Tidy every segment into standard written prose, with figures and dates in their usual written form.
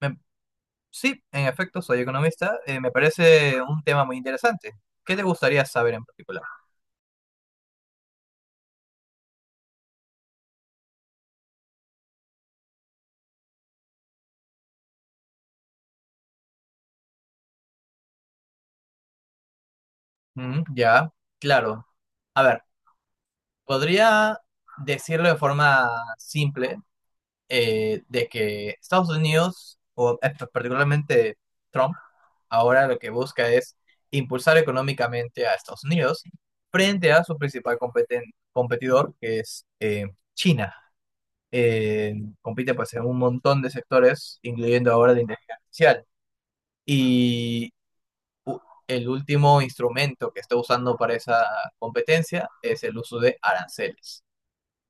Me- sí, en efecto, soy economista. Me parece un tema muy interesante. ¿Qué te gustaría saber en particular? Mm, ya, claro. A ver, podría decirlo de forma simple de que Estados Unidos, o particularmente Trump, ahora lo que busca es impulsar económicamente a Estados Unidos frente a su principal competidor, que es China. eh, Compite pues en un montón de sectores, incluyendo ahora la inteligencia artificial. Y u- el último instrumento que está usando para esa competencia es el uso de aranceles.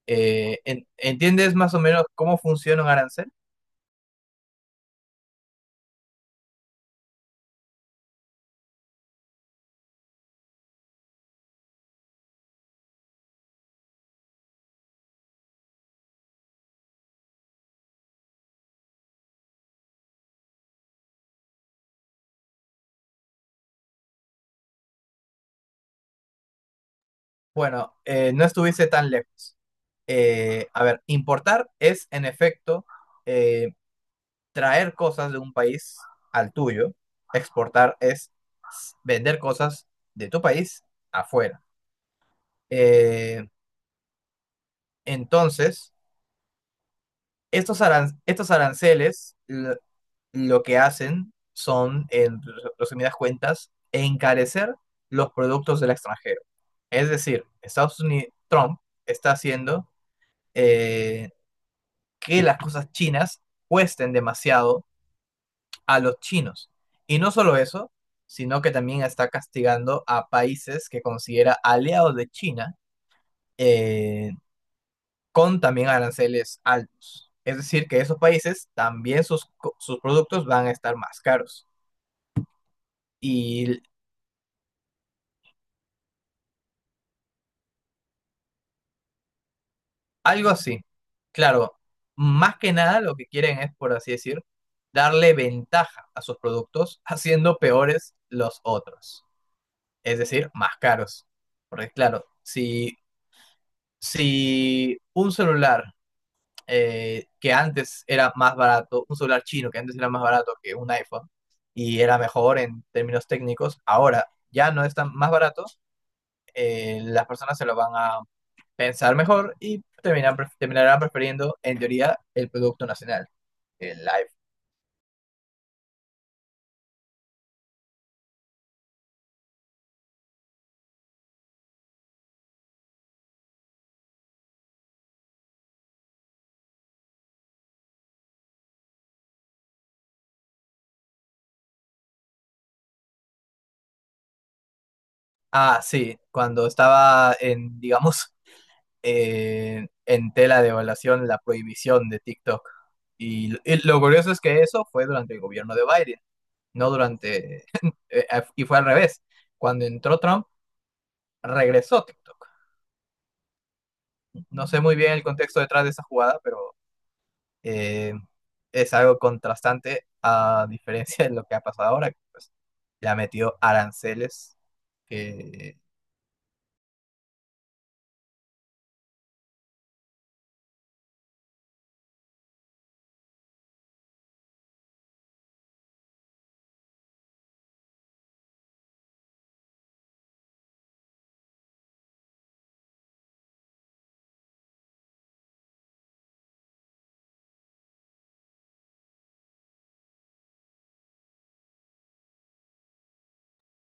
¿Entiendes más o menos cómo funciona un arancel? Bueno, no estuviste tan lejos. A ver, importar es en efecto eh, traer cosas de un país al tuyo. Exportar es vender cosas de tu país afuera. Eh, Entonces, estos aranceles lo que hacen son, en resumidas cuentas, encarecer los productos del extranjero. Es decir, Estados Unidos, Trump está haciendo eh, que las cosas chinas cuesten demasiado a los chinos. Y no solo eso, sino que también está castigando a países que considera aliados de China, eh, con también aranceles altos. Es decir, que esos países también sus productos van a estar más caros. Y algo así. Claro, más que nada lo que quieren es, por así decir, darle ventaja a sus productos haciendo peores los otros. Es decir, más caros. Porque claro, si, si un celular que antes era más barato, un celular chino que antes era más barato que un iPhone y era mejor en términos técnicos, ahora ya no es tan más barato, las personas se lo van a pensar mejor y terminan, terminarán prefiriendo, en teoría, el producto nacional, el iPhone. Ah, sí, cuando estaba en, digamos, en tela de evaluación la prohibición de TikTok. Y lo curioso es que eso fue durante el gobierno de Biden. No durante, y fue al revés. Cuando entró Trump, regresó TikTok. No sé muy bien el contexto detrás de esa jugada, pero eh, es algo contrastante a diferencia de lo que ha pasado ahora, que pues, le ha metido aranceles, que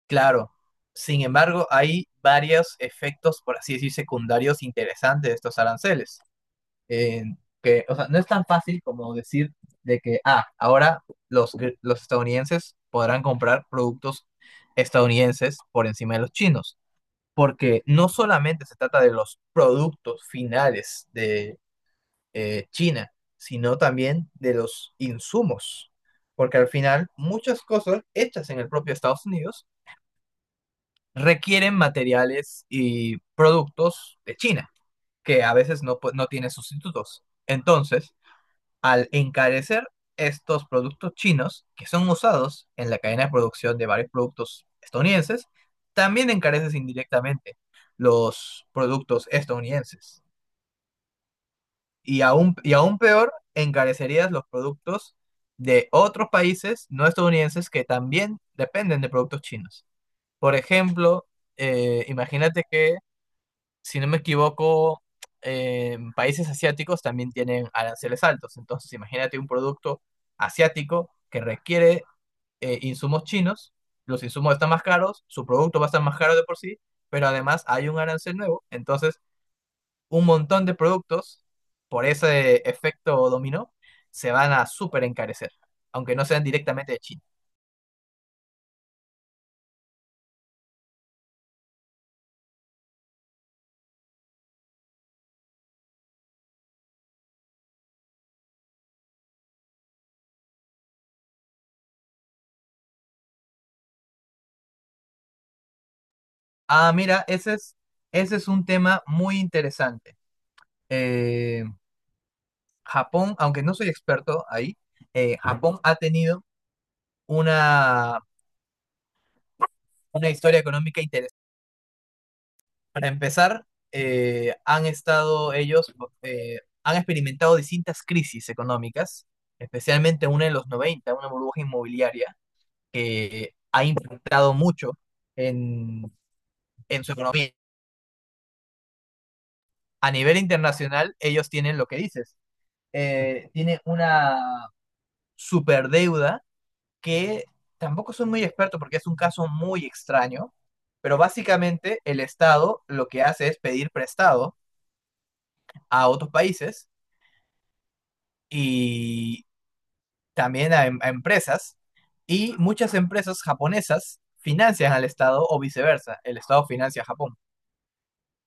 claro, sin embargo, hay varios efectos, por así decir, secundarios interesantes de estos aranceles. En que, o sea, no es tan fácil como decir de que, ah, ahora los estadounidenses podrán comprar productos estadounidenses por encima de los chinos, porque no solamente se trata de los productos finales de China, sino también de los insumos, porque al final muchas cosas hechas en el propio Estados Unidos requieren materiales y productos de China, que a veces no tiene sustitutos. Entonces, al encarecer estos productos chinos que son usados en la cadena de producción de varios productos estadounidenses, también encareces indirectamente los productos estadounidenses. Y aún peor, encarecerías los productos de otros países no estadounidenses que también dependen de productos chinos. Por ejemplo, imagínate que si no me equivoco, en países asiáticos también tienen aranceles altos. Entonces, imagínate un producto asiático que requiere insumos chinos, los insumos están más caros, su producto va a estar más caro de por sí, pero además hay un arancel nuevo. Entonces, un montón de productos, por ese efecto dominó, se van a súper encarecer, aunque no sean directamente de China. Ah, mira, ese es un tema muy interesante. Eh, Japón, aunque no soy experto ahí, Japón ha tenido una, una historia económica interesante. Para empezar, han estado ellos, han experimentado distintas crisis económicas, especialmente una en los 90, una burbuja inmobiliaria que ha impactado mucho en, en su economía. A nivel internacional, ellos tienen lo que dices, tiene una superdeuda que tampoco soy muy experto porque es un caso muy extraño, pero básicamente el Estado lo que hace es pedir prestado a otros países y también a empresas, y muchas empresas japonesas financian al Estado o viceversa, el Estado financia a Japón.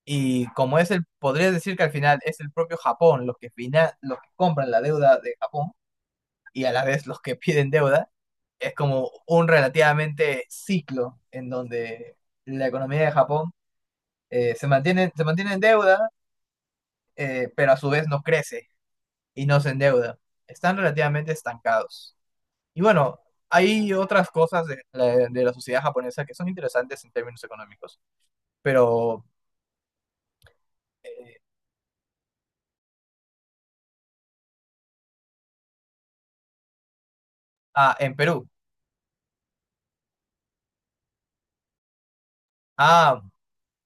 Y como es el, podrías decir que al final es el propio Japón los que, fina, los que compran la deuda de Japón, y a la vez los que piden deuda, es como un relativamente ciclo en donde la economía de Japón se mantiene en deuda, pero a su vez no crece y no se endeuda. Están relativamente estancados. Y bueno, hay otras cosas de la sociedad japonesa que son interesantes en términos económicos, pero eh, ah, en Perú. Ah,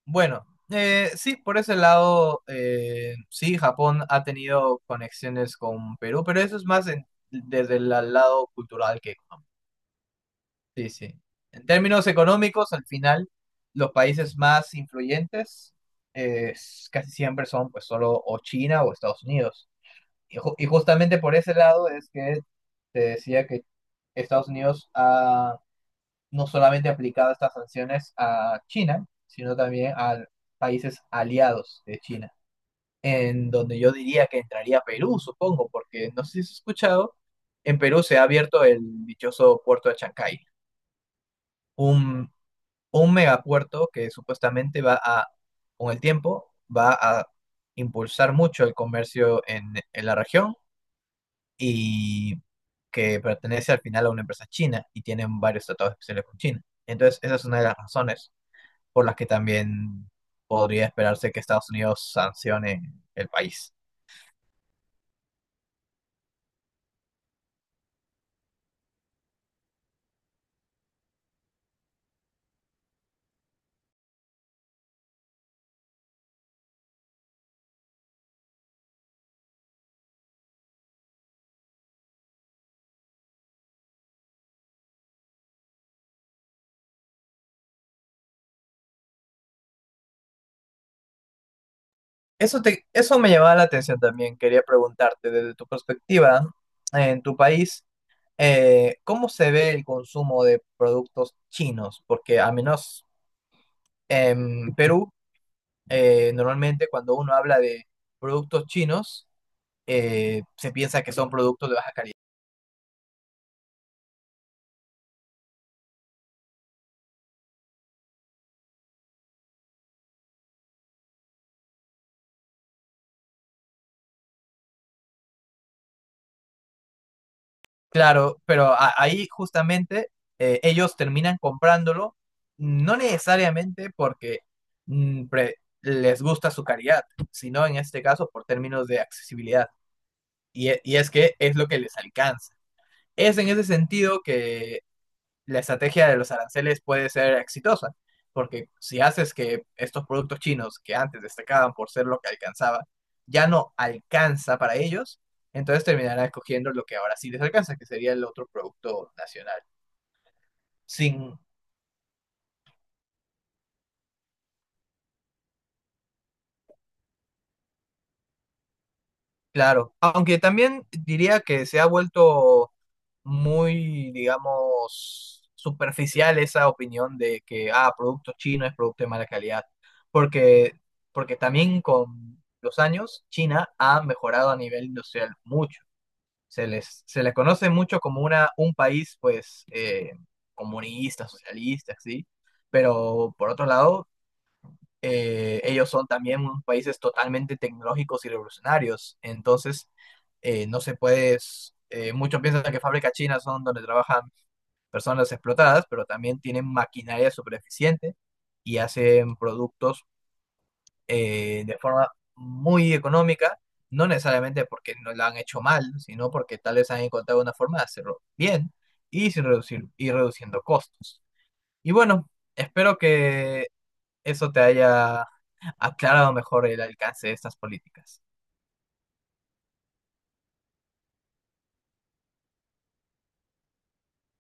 bueno, sí, por ese lado, sí, Japón ha tenido conexiones con Perú, pero eso es más desde el lado cultural que económico. Sí, sí. En términos económicos, al final, los países más influyentes casi siempre son pues solo o China o Estados Unidos. Y justamente por ese lado es que te decía que Estados Unidos no solamente aplicado estas sanciones a China, sino también a países aliados de China, en donde yo diría que entraría Perú, supongo, porque no sé si has escuchado, en Perú se ha abierto el dichoso puerto de Chancay, un, un megapuerto que supuestamente va a, con el tiempo, va a impulsar mucho el comercio en la región y que pertenece al final a una empresa china y tienen varios tratados especiales con China. Entonces, esa es una de las razones por las que también podría esperarse que Estados Unidos sancione el país. Eso me llamaba la atención también. Quería preguntarte desde tu perspectiva en tu país, ¿cómo se ve el consumo de productos chinos? Porque al menos en Perú, normalmente cuando uno habla de productos chinos, se piensa que son productos de baja calidad. Claro, pero ahí justamente ellos terminan comprándolo, no necesariamente porque mm, pre- les gusta su calidad, sino en este caso por términos de accesibilidad. Y es que es lo que les alcanza. Es en ese sentido que la estrategia de los aranceles puede ser exitosa, porque si haces que estos productos chinos que antes destacaban por ser lo que alcanzaba, ya no alcanza para ellos, entonces terminarán escogiendo lo que ahora sí les alcanza, que sería el otro producto nacional, sin. Claro, aunque también diría que se ha vuelto muy, digamos, superficial esa opinión de que, ah, producto chino es producto de mala calidad, porque, porque también con los años China ha mejorado a nivel industrial mucho. Se les conoce mucho como un país, pues, comunista, socialista, sí, pero por otro lado ellos son también unos países totalmente tecnológicos y revolucionarios. Entonces, no se puede, s- muchos piensan que fábricas chinas son donde trabajan personas explotadas, pero también tienen maquinaria súper eficiente y hacen productos de forma muy económica, no necesariamente porque no la han hecho mal, sino porque tal vez han encontrado una forma de hacerlo bien y sin reducir y reduciendo costos. Y bueno, espero que eso te haya aclarado mejor el alcance de estas políticas.